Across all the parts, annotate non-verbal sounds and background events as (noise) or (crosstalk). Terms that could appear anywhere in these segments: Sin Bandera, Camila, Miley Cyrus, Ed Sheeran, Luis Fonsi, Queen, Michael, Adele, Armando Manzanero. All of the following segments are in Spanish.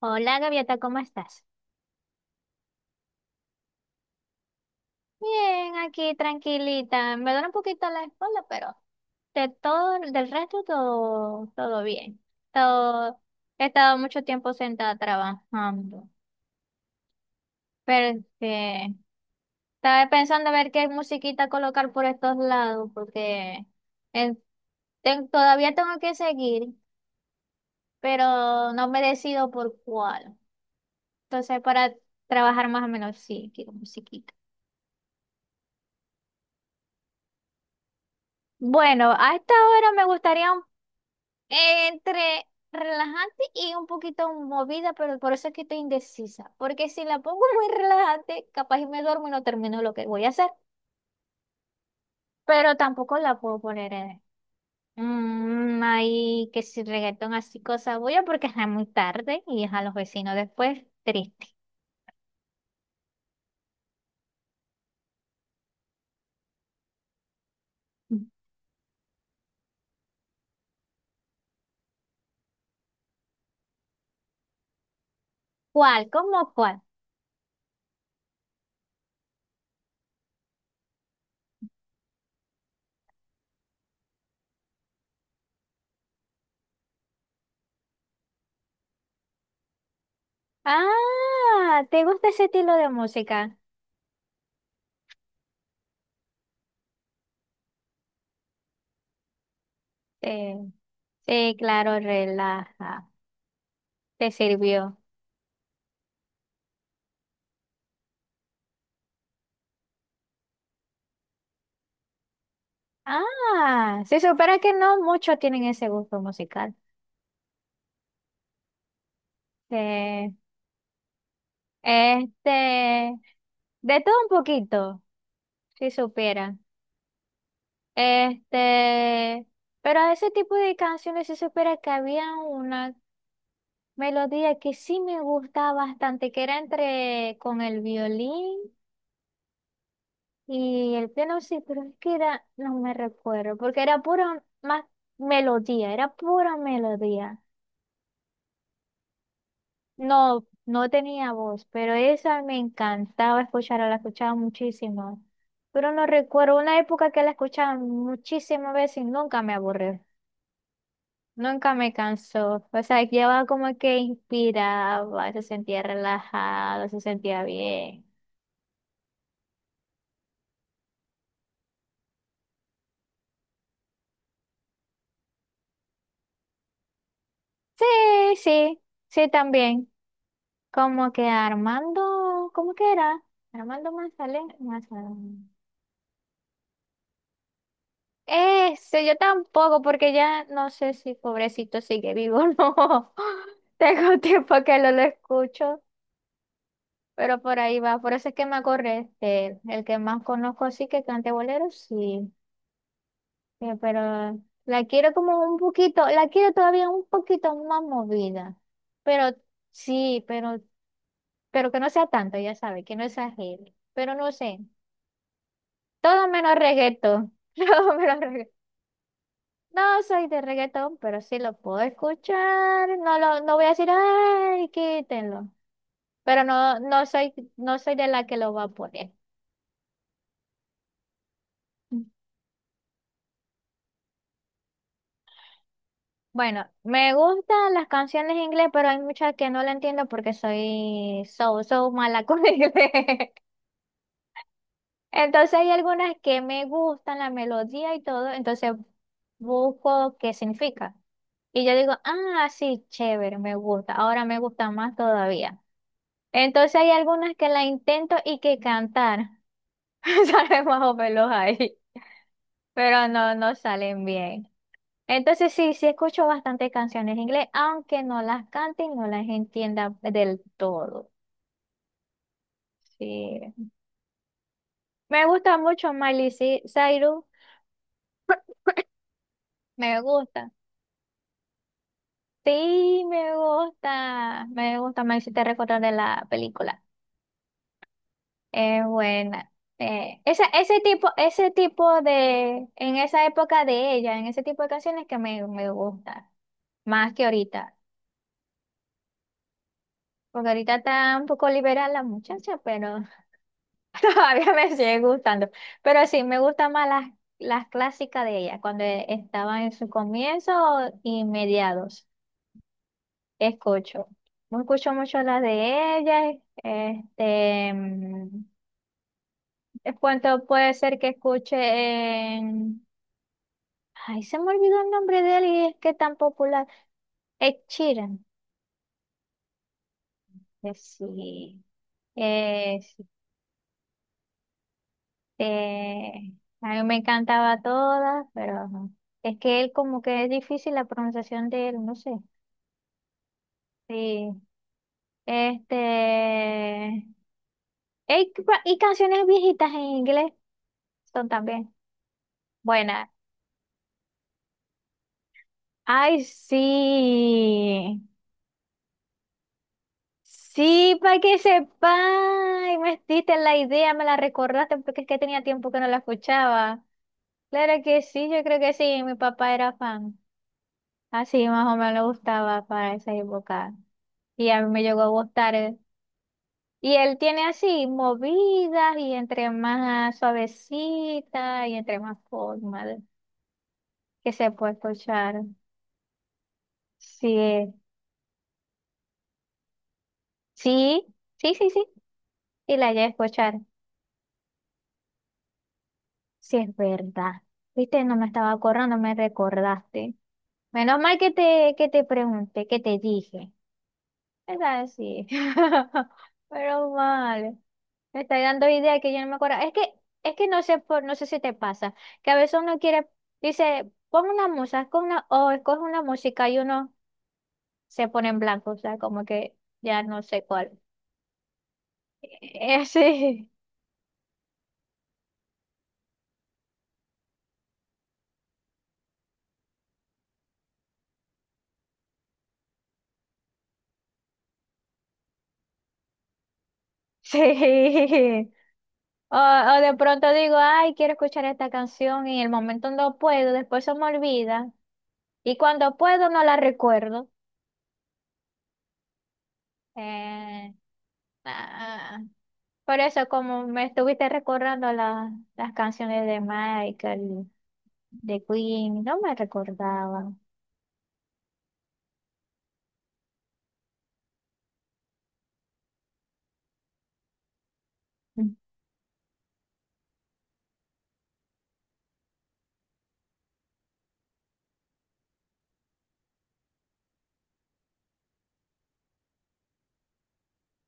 Hola, Gaviota, ¿cómo estás? Bien, aquí tranquilita. Me duele un poquito la espalda, pero de todo, del resto todo, todo bien. Todo, he estado mucho tiempo sentada trabajando. Pero este, estaba pensando a ver qué musiquita colocar por estos lados, porque eh, todavía tengo que seguir, pero no me decido por cuál. Entonces, para trabajar más o menos, sí, quiero musiquita. Bueno, a esta hora me gustaría entre relajante y un poquito movida, pero por eso es que estoy indecisa. Porque si la pongo muy relajante, capaz y me duermo y no termino lo que voy a hacer. Pero tampoco la puedo poner en, ahí, que si reggaetón así, cosas voy a porque es muy tarde y es a los vecinos después, triste. ¿Cuál? ¿Cómo cuál? Ah, ¿te gusta ese estilo de música? Sí, sí, claro, relaja. Te sirvió. Ah, si supera que no muchos tienen ese gusto musical. Eh, este, de todo un poquito, si supieran. Este, pero a ese tipo de canciones se supera que había una melodía que sí me gustaba bastante, que era entre con el violín y el piano, sí, pero es que era, no me recuerdo, porque era pura más melodía, era pura melodía. No, no tenía voz, pero esa me encantaba escucharla, la escuchaba muchísimo. Pero no recuerdo una época que la escuchaba muchísimas veces y nunca me aburrió, nunca me cansó. O sea, llevaba como que inspiraba, se sentía relajado, se sentía bien. Sí, sí, sí también. Como que Armando, ¿cómo que era? Armando Manzanero. Eso, yo tampoco, porque ya no sé si pobrecito sigue vivo o no. (laughs) Tengo tiempo que no lo escucho, pero por ahí va. Por eso es que me acordé de él. El que más conozco sí que cante bolero, sí. Pero la quiero como un poquito, la quiero todavía un poquito más movida. Pero sí, pero que no sea tanto, ya sabe, que no exagere. Pero no sé, todo menos reggaetón. (laughs) Todo menos reggaetón. No soy de reggaetón, pero sí lo puedo escuchar. No lo, no voy a decir, ay, quítenlo. Pero no, no soy, no soy de la que lo va a poner. Bueno, me gustan las canciones en inglés, pero hay muchas que no la entiendo porque soy so mala (laughs) con el inglés. Entonces hay algunas que me gustan, la melodía y todo, entonces busco qué significa. Y yo digo, ah, sí, chévere, me gusta, ahora me gusta más todavía. Entonces hay algunas que la intento y que cantar, (laughs) salen más o menos ahí, pero no, no salen bien. Entonces sí, sí escucho bastante canciones en inglés, aunque no las cante y no las entienda del todo. Sí. Me gusta mucho Miley Cyrus, (laughs) me gusta. Sí, me gusta, me gusta, me hiciste recordar de la película. Es buena. Esa, ese tipo de, en esa época de ella, en ese tipo de canciones que me gusta, más que ahorita. Porque ahorita está un poco liberal la muchacha, pero (laughs) todavía me sigue gustando. Pero sí, me gustan más las clásicas de ella, cuando estaba en su comienzo y mediados. Escucho, no escucho mucho las de ella. Este, en cuanto puede ser que escuche en... Ay, se me olvidó el nombre de él y es que tan popular. Ed Sheeran. Sí. Este, a mí me encantaba todas, pero ajá, es que él como que es difícil la pronunciación de él, no sé. Sí. Este, y, y canciones viejitas en inglés son también. Bueno, ay, sí. Sí, para que sepa. Ay, me diste la idea, me la recordaste porque es que tenía tiempo que no la escuchaba. Claro que sí, yo creo que sí, mi papá era fan. Así más o menos le gustaba para esa época. Y a mí me llegó a gustar. Eh. Y él tiene así movidas y entre más suavecita y entre más que se puede escuchar. Sí, sí, sí. Y la llegué a escuchar. Sí, es verdad. Viste, no me estaba acordando, me recordaste. Menos mal que te pregunté, que te dije. Es así, (laughs) pero mal. Me está dando idea que yo no me acuerdo. Es que no sé por, no sé si te pasa. Que a veces uno quiere, dice, pon una música, con una, o escoge una música y uno se pone en blanco. O sea, como que ya no sé cuál. Sí, (laughs) sí. O, o de pronto digo, ay, quiero escuchar esta canción y en el momento no puedo, después se me olvida. Y cuando puedo no la recuerdo. Eh, ah, por eso, como me estuviste recordando las canciones de Michael, de Queen, no me recordaba.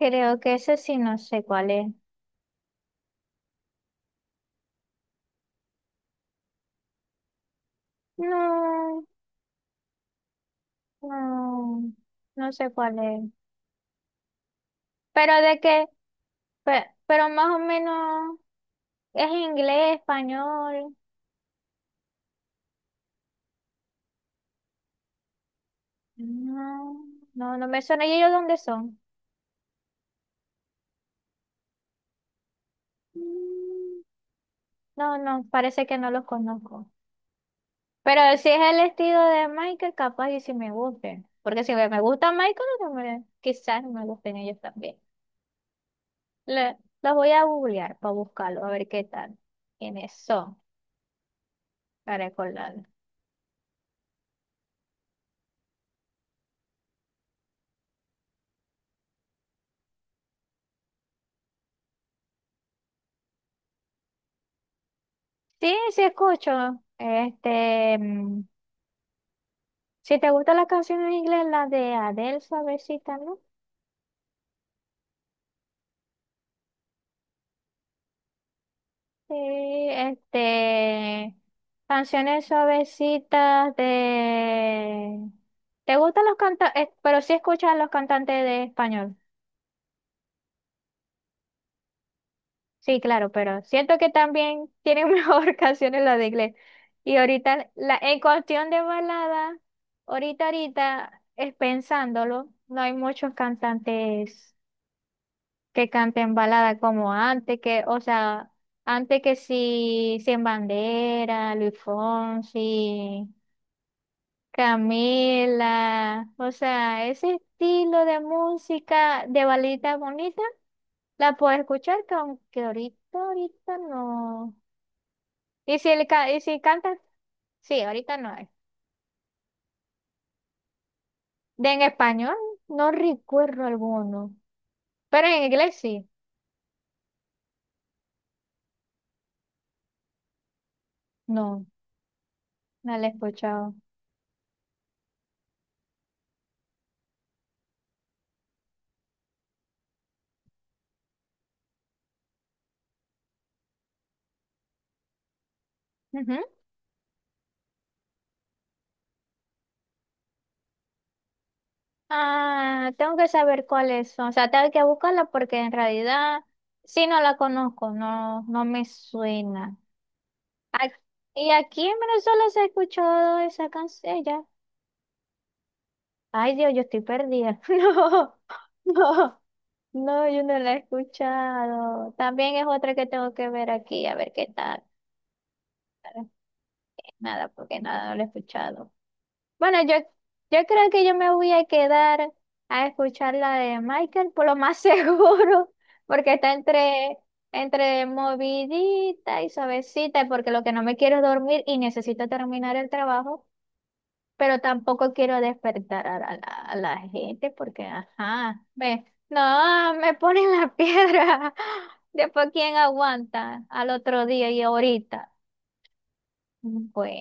Creo que ese sí no sé cuál es. No, no, no sé cuál es. Pero de qué, pero más o menos es inglés, español. No, no, no me suena. ¿Y ellos dónde son? Mm, no, no, parece que no los conozco. Pero si es el estilo de Michael, capaz y si me gusten. Porque si me gusta Michael, quizás no me gusten ellos también. Los voy a googlear para buscarlo, a ver qué tal. ¿Quiénes son? Para recordar. Sí, sí escucho. Este, si te gustan las canciones en inglés, las de Adele, suavecita, ¿no? Sí, este, canciones suavecitas de... ¿Te gustan los cantantes? Pero sí escuchas los cantantes de español. Sí, claro, pero siento que también tienen (laughs) mejor canciones las de inglés. Y ahorita, la, en cuestión de balada, ahorita, ahorita, es pensándolo, no hay muchos cantantes que canten balada como antes, que, o sea, antes que sí, Sin Bandera, Luis Fonsi. Camila, o sea, ese estilo de música de balita bonita la puedo escuchar, que aunque ahorita, ahorita no. Y si, el, y si canta, sí, ahorita no hay. De en español, no recuerdo alguno, pero en inglés sí, no, no la he escuchado. Ujú. Ah, tengo que saber cuáles son, o sea, tengo que buscarla porque en realidad, sí, no la conozco, no, no me suena. Ac- Y aquí en Venezuela se ha escuchado esa canción ya. Ay, Dios, yo estoy perdida. (laughs) No, no, no, yo no la he escuchado. También es otra que tengo que ver aquí, a ver qué tal. Nada, porque nada, no la he escuchado. Bueno, yo creo que yo me voy a quedar a escuchar la de Michael, por lo más (laughs) seguro, porque está entre, entre movidita y suavecita, porque lo que no me quiero es dormir y necesito terminar el trabajo. Pero tampoco quiero despertar a, la, a la gente porque, ajá, ve, no, me ponen la piedra. (laughs) Después, ¿quién aguanta al otro día y ahorita? Pues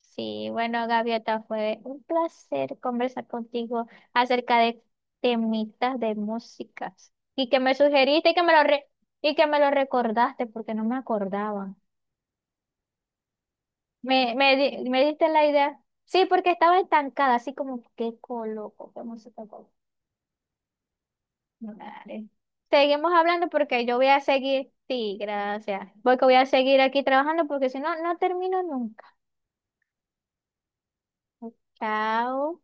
sí, bueno, Gaviota, fue un placer conversar contigo acerca de temitas de músicas y que me sugeriste y que me lo, y que me lo recordaste porque no me acordaba. Me, me diste la idea. Sí, porque estaba estancada, así como, ¿qué coloco? ¿Qué música coloco? Dale. Seguimos hablando porque yo voy a seguir. Sí, gracias. Voy que voy a seguir aquí trabajando porque si no, no termino nunca. Chao.